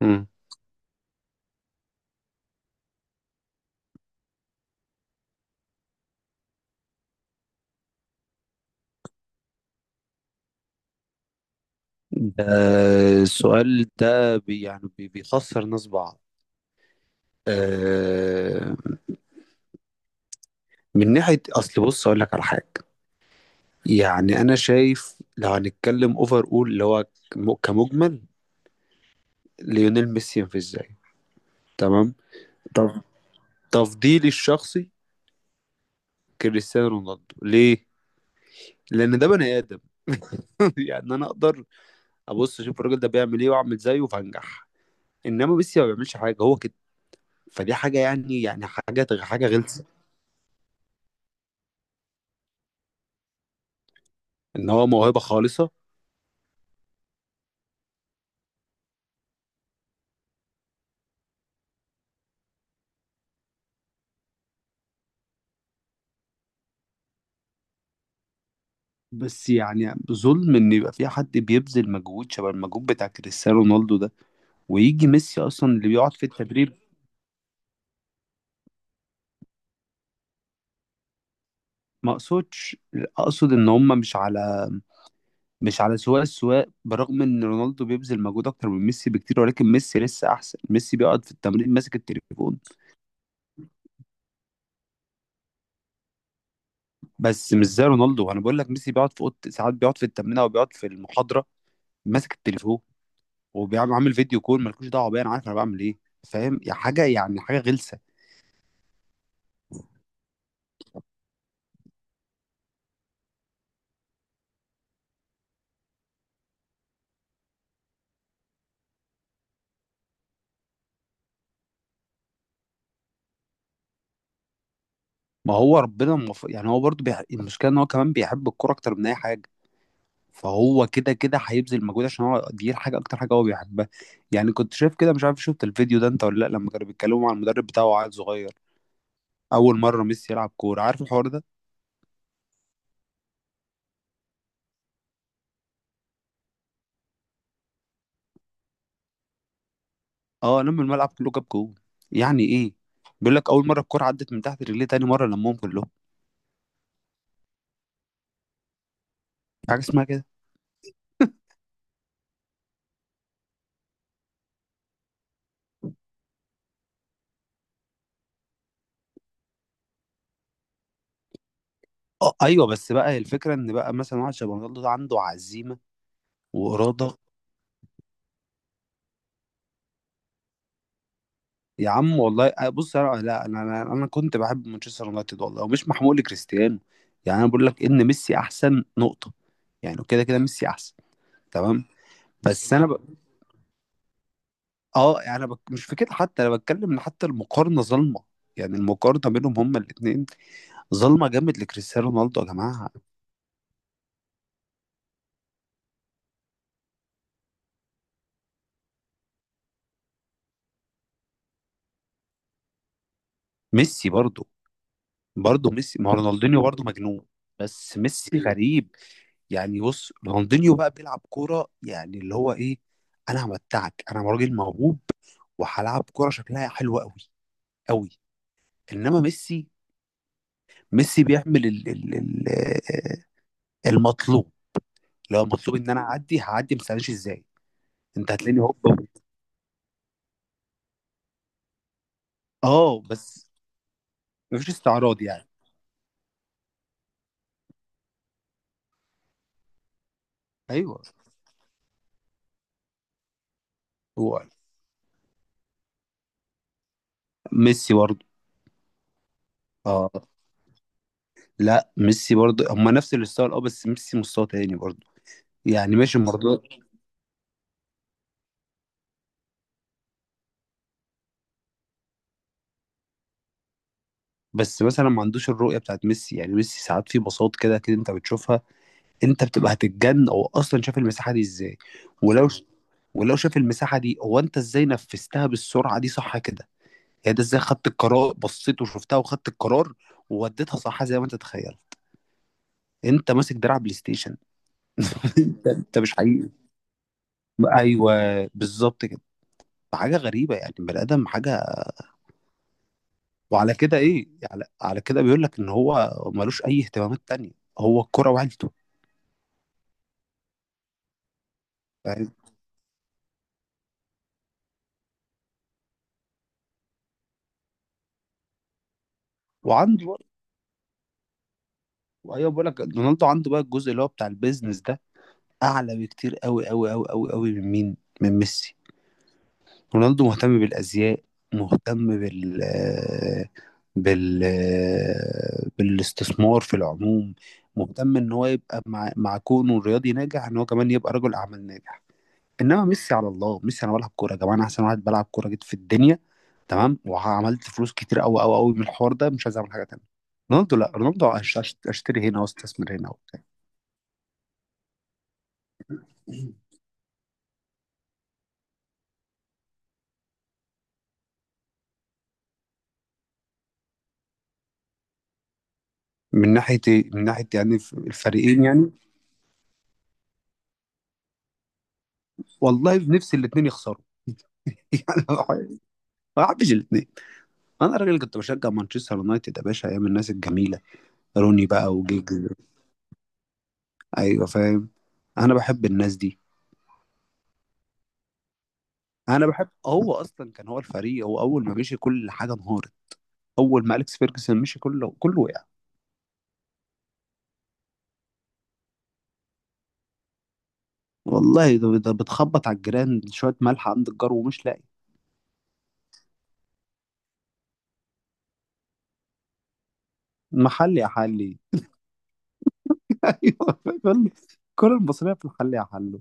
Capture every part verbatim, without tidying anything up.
مم. آه، السؤال ده بي يعني بي- بيخسر ناس بعض. آه، من ناحية أصل، بص أقول لك على حاجة. يعني أنا شايف لو هنتكلم أوفر، أول اللي هو كم- كمجمل ليونيل ميسي ينفذ إزاي. تمام. طب تفضيلي الشخصي كريستيانو رونالدو ليه؟ لأن ده بني آدم. يعني أنا أقدر أبص أشوف الراجل ده بيعمل إيه وأعمل زيه فهنجح. إنما ميسي ما بيعملش حاجة، هو كده. فدي حاجة، يعني يعني حاجة حاجة غلسة. ان هو موهبه خالصه. بس يعني ظلم ان يبقى في حد بيبذل مجهود شبه المجهود بتاع كريستيانو رونالدو ده ويجي ميسي اصلا اللي بيقعد في التدريب. ما اقصدش. اقصد ان هم مش على، مش على سواء السواء، برغم ان رونالدو بيبذل مجهود اكتر من ميسي بكتير، ولكن ميسي لسه احسن. ميسي بيقعد في التمرين ماسك التليفون. بس مش زي رونالدو، انا بقول لك ميسي بيقعد في اوضه ساعات، بيقعد في التمرين او بيقعد في المحاضره ماسك التليفون، وبيعمل عامل فيديو كول، مالكوش دعوه بيا، انا عارف انا بعمل ايه. فاهم، يا حاجه يعني حاجه غلسه. ما هو ربنا المف... يعني هو برضه بيح... المشكله ان هو كمان بيحب الكوره اكتر من اي حاجه. فهو كده كده هيبذل مجهود عشان هو دي الحاجه، اكتر حاجه هو بيحبها. يعني كنت شايف كده، مش عارف شفت الفيديو ده انت ولا لا، لما كانوا بيتكلموا مع المدرب بتاعه، وعيل صغير اول مره ميسي يلعب كوره، عارف الحوار ده؟ اه، لم الملعب كله، جاب جول. يعني ايه؟ بيقول لك اول مره الكوره عدت من تحت رجليه، تاني مره لمهم كلهم. في حاجه اسمها كده؟ اه ايوه، بس بقى الفكره ان بقى مثلا واحد شبه رونالدو ده عنده عزيمه واراده. يا عم والله، أه، بص انا لا، انا انا أنا كنت بحب مانشستر يونايتد والله، ومش محمول لكريستيانو. يعني انا بقول لك ان ميسي احسن نقطه. يعني كده كده ميسي احسن. تمام. بس انا ب... اه يعني انا بك... مش في كده. حتى انا بتكلم ان حتى المقارنه ظالمه. يعني المقارنه بينهم هما الاثنين ظالمه جامد لكريستيانو رونالدو يا جماعه. ميسي برضو. برضو ميسي، ما هو رونالدينيو برضو مجنون. بس ميسي غريب. يعني بص رونالدينيو بقى بيلعب كوره، يعني اللي هو ايه، انا همتعك، انا راجل موهوب وهلعب كوره شكلها حلو قوي قوي. انما ميسي. ميسي بيعمل ال ال ال آه، المطلوب. لو المطلوب ان انا اعدي هعدي، ما تسالنيش ازاي. انت هتلاقيني هوب. اه بس مفيش استعراض يعني. ايوه، هو ميسي برضه. اه لا، ميسي برضه، هما نفس الستايل، اه بس ميسي مستوى تاني برضه. يعني ماشي مارادونا. بس مثلا ما عندوش الرؤيه بتاعت ميسي، يعني ميسي ساعات في بساط كده كده انت بتشوفها. انت بتبقى هتتجن، هو اصلا شاف المساحه دي ازاي. ولو ولو شاف المساحه دي، هو انت ازاي نفذتها بالسرعه دي، صح كده؟ يعني ده ازاي خدت القرار، بصيت وشفتها وخدت القرار ووديتها صح، زي ما انت تتخيل انت ماسك دراع بلاي ستيشن. انت انت مش حقيقي. ايوه بالظبط كده. حاجه غريبه يعني، بني ادم حاجه. وعلى كده ايه، على, على كده بيقول لك ان هو ملوش اي اهتمامات تانية. هو الكرة وعيلته. فاهم. وعنده، ايوه بقول لك رونالدو عنده بقى الجزء اللي هو بتاع البيزنس ده اعلى بكتير قوي قوي قوي قوي قوي من مين من ميسي. رونالدو مهتم بالازياء، مهتم بال بال بالاستثمار في العموم. مهتم ان هو يبقى مع مع كونه الرياضي ناجح، ان هو كمان يبقى رجل اعمال ناجح. انما ميسي، على الله ميسي، انا بلعب كوره يا جماعه، انا احسن واحد بلعب كوره جيت في الدنيا. تمام. وعملت فلوس كتير قوي قوي قوي من الحوار ده، مش عايز اعمل حاجه تانيه. رونالدو لا، رونالدو هش- هش- هشتري هنا واستثمر هنا وبتاع. من ناحيه إيه؟ من ناحيه يعني ف- الفريقين يعني. والله نفسي الاثنين يخسروا. يعني ما بحبش الاثنين. انا راجل كنت بشجع مانشستر يونايتد يا باشا ايام الناس الجميله، روني بقى وجيجز. ايوه فاهم. انا بحب الناس دي. انا بحب هو اصلا كان هو الفريق، هو اول ما مشي كل حاجه انهارت. اول ما اليكس فيرجسون مشي كله كله وقع. والله ده, ده بتخبط على الجيران، شويه ملح عند الجار ومش لاقي محل يا حلي. ايوه. الكره المصريه في الحل يا حلو.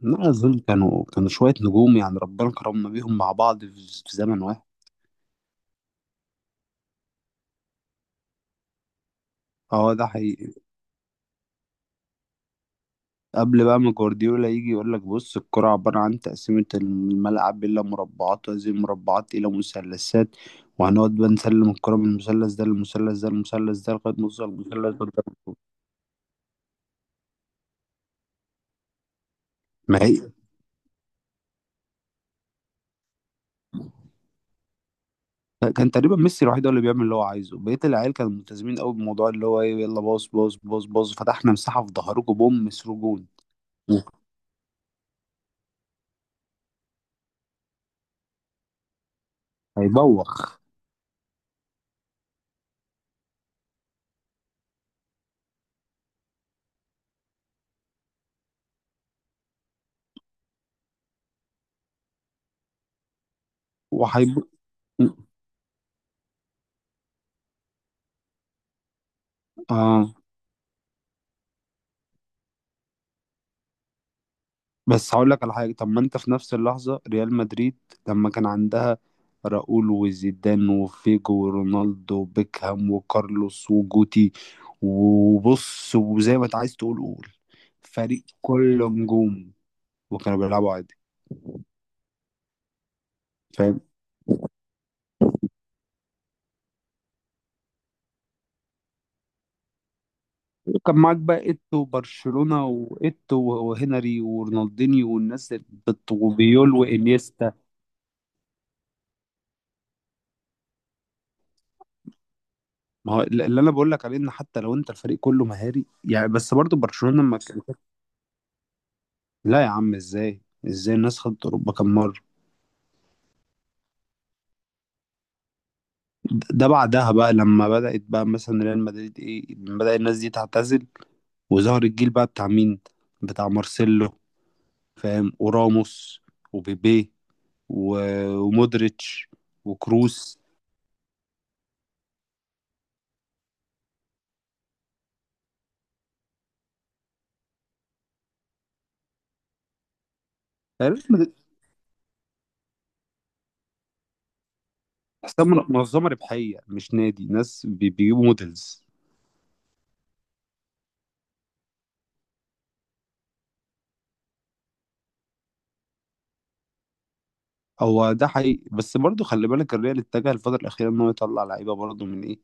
لا أظن، كانوا كانوا شوية نجوم يعني ربنا كرمنا بيهم مع بعض في في زمن واحد. اه ده حقيقي. قبل بقى ما جوارديولا يجي يقول لك بص، الكرة عبارة عن تقسيمة الملعب إلى مربعات، وهذه المربعات إلى مثلثات، وهنقعد بقى نسلم الكرة من المثلث ده للمثلث ده للمثلث ده لغاية ما نوصل للمثلث ده قدام. ما هي. كان تقريبا ميسي الوحيد هو اللي بيعمل اللي هو عايزه، بقية العيال كانوا ملتزمين قوي بموضوع اللي هو ايه، يلا باص باص باص باص، فتحنا مساحة في ظهركم بوم، مسروا جون. هيبوخ. وهيب. اه بس هقول لك على حاجه. طب ما انت في نفس اللحظه ريال مدريد لما كان عندها راؤول وزيدان وفيجو ورونالدو وبيكهام وكارلوس وجوتي، وبص وزي ما انت عايز تقول قول، فريق كله نجوم، وكانوا بيلعبوا عادي. فاهم. وكان معاك بقى ايتو وبرشلونه وايتو وهنري ورونالدينيو والناس، بت- وبيول وانيستا. ما هو اللي انا بقول لك عليه، ان حتى لو انت الفريق كله مهاري، يعني بس برضو برشلونه لما. لا يا عم، ازاي. ازاي الناس خدت اوروبا كام مره. ده ده بعدها بقى لما بدات بقى مثلا ريال مدريد ايه، بدا الناس دي تعتزل، وظهر الجيل بقى بتاع مين، بتاع مارسيلو، فاهم، وراموس وبيبي و- ومودريتش وكروس. ريال مدريد، تحسها من- منظمه ربحيه مش نادي، ناس بي- بيجيبوا موديلز. هو ده حقيقي، بس برضه خلي بالك، الريال اتجه الفتره الاخيره ان هو يطلع لعيبه برضه من ايه،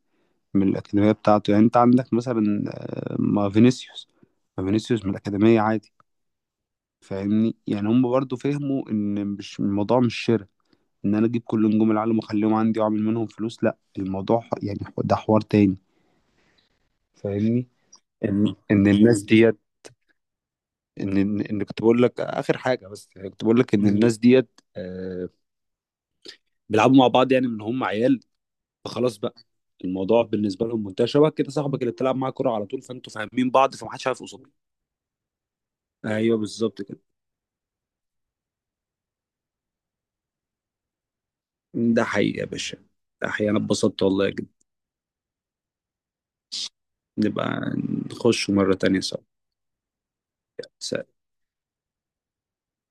من الأكاديمية بتاعته. يعني أنت عندك مثلا، آه، ما فينيسيوس. ما فينيسيوس من الأكاديمية عادي. فاهمني، يعني هم برضو فهموا إن مش الموضوع، مش شراء، إن أنا أجيب كل نجوم العالم وأخليهم عندي وأعمل منهم فلوس، لأ الموضوع ح- يعني ح- ده حوار تاني. فاهمني. إن إن الناس ديت، إن إن إن كنت بقول لك آخر حاجة، بس يعني كنت بقول لك إن الناس ديت، آه، بيلعبوا مع بعض يعني من هم عيال، فخلاص بقى الموضوع بالنسبة لهم منتهي، شبه كده صاحبك اللي بتلعب معاه كورة على طول، فأنتوا فاهمين بعض فمحدش عارف قصاده. ايوه بالظبط كده. ده حقيقي يا باشا. ده حقيقي، انا اتبسطت والله جدا. نبقى نخش مرة تانية سوا.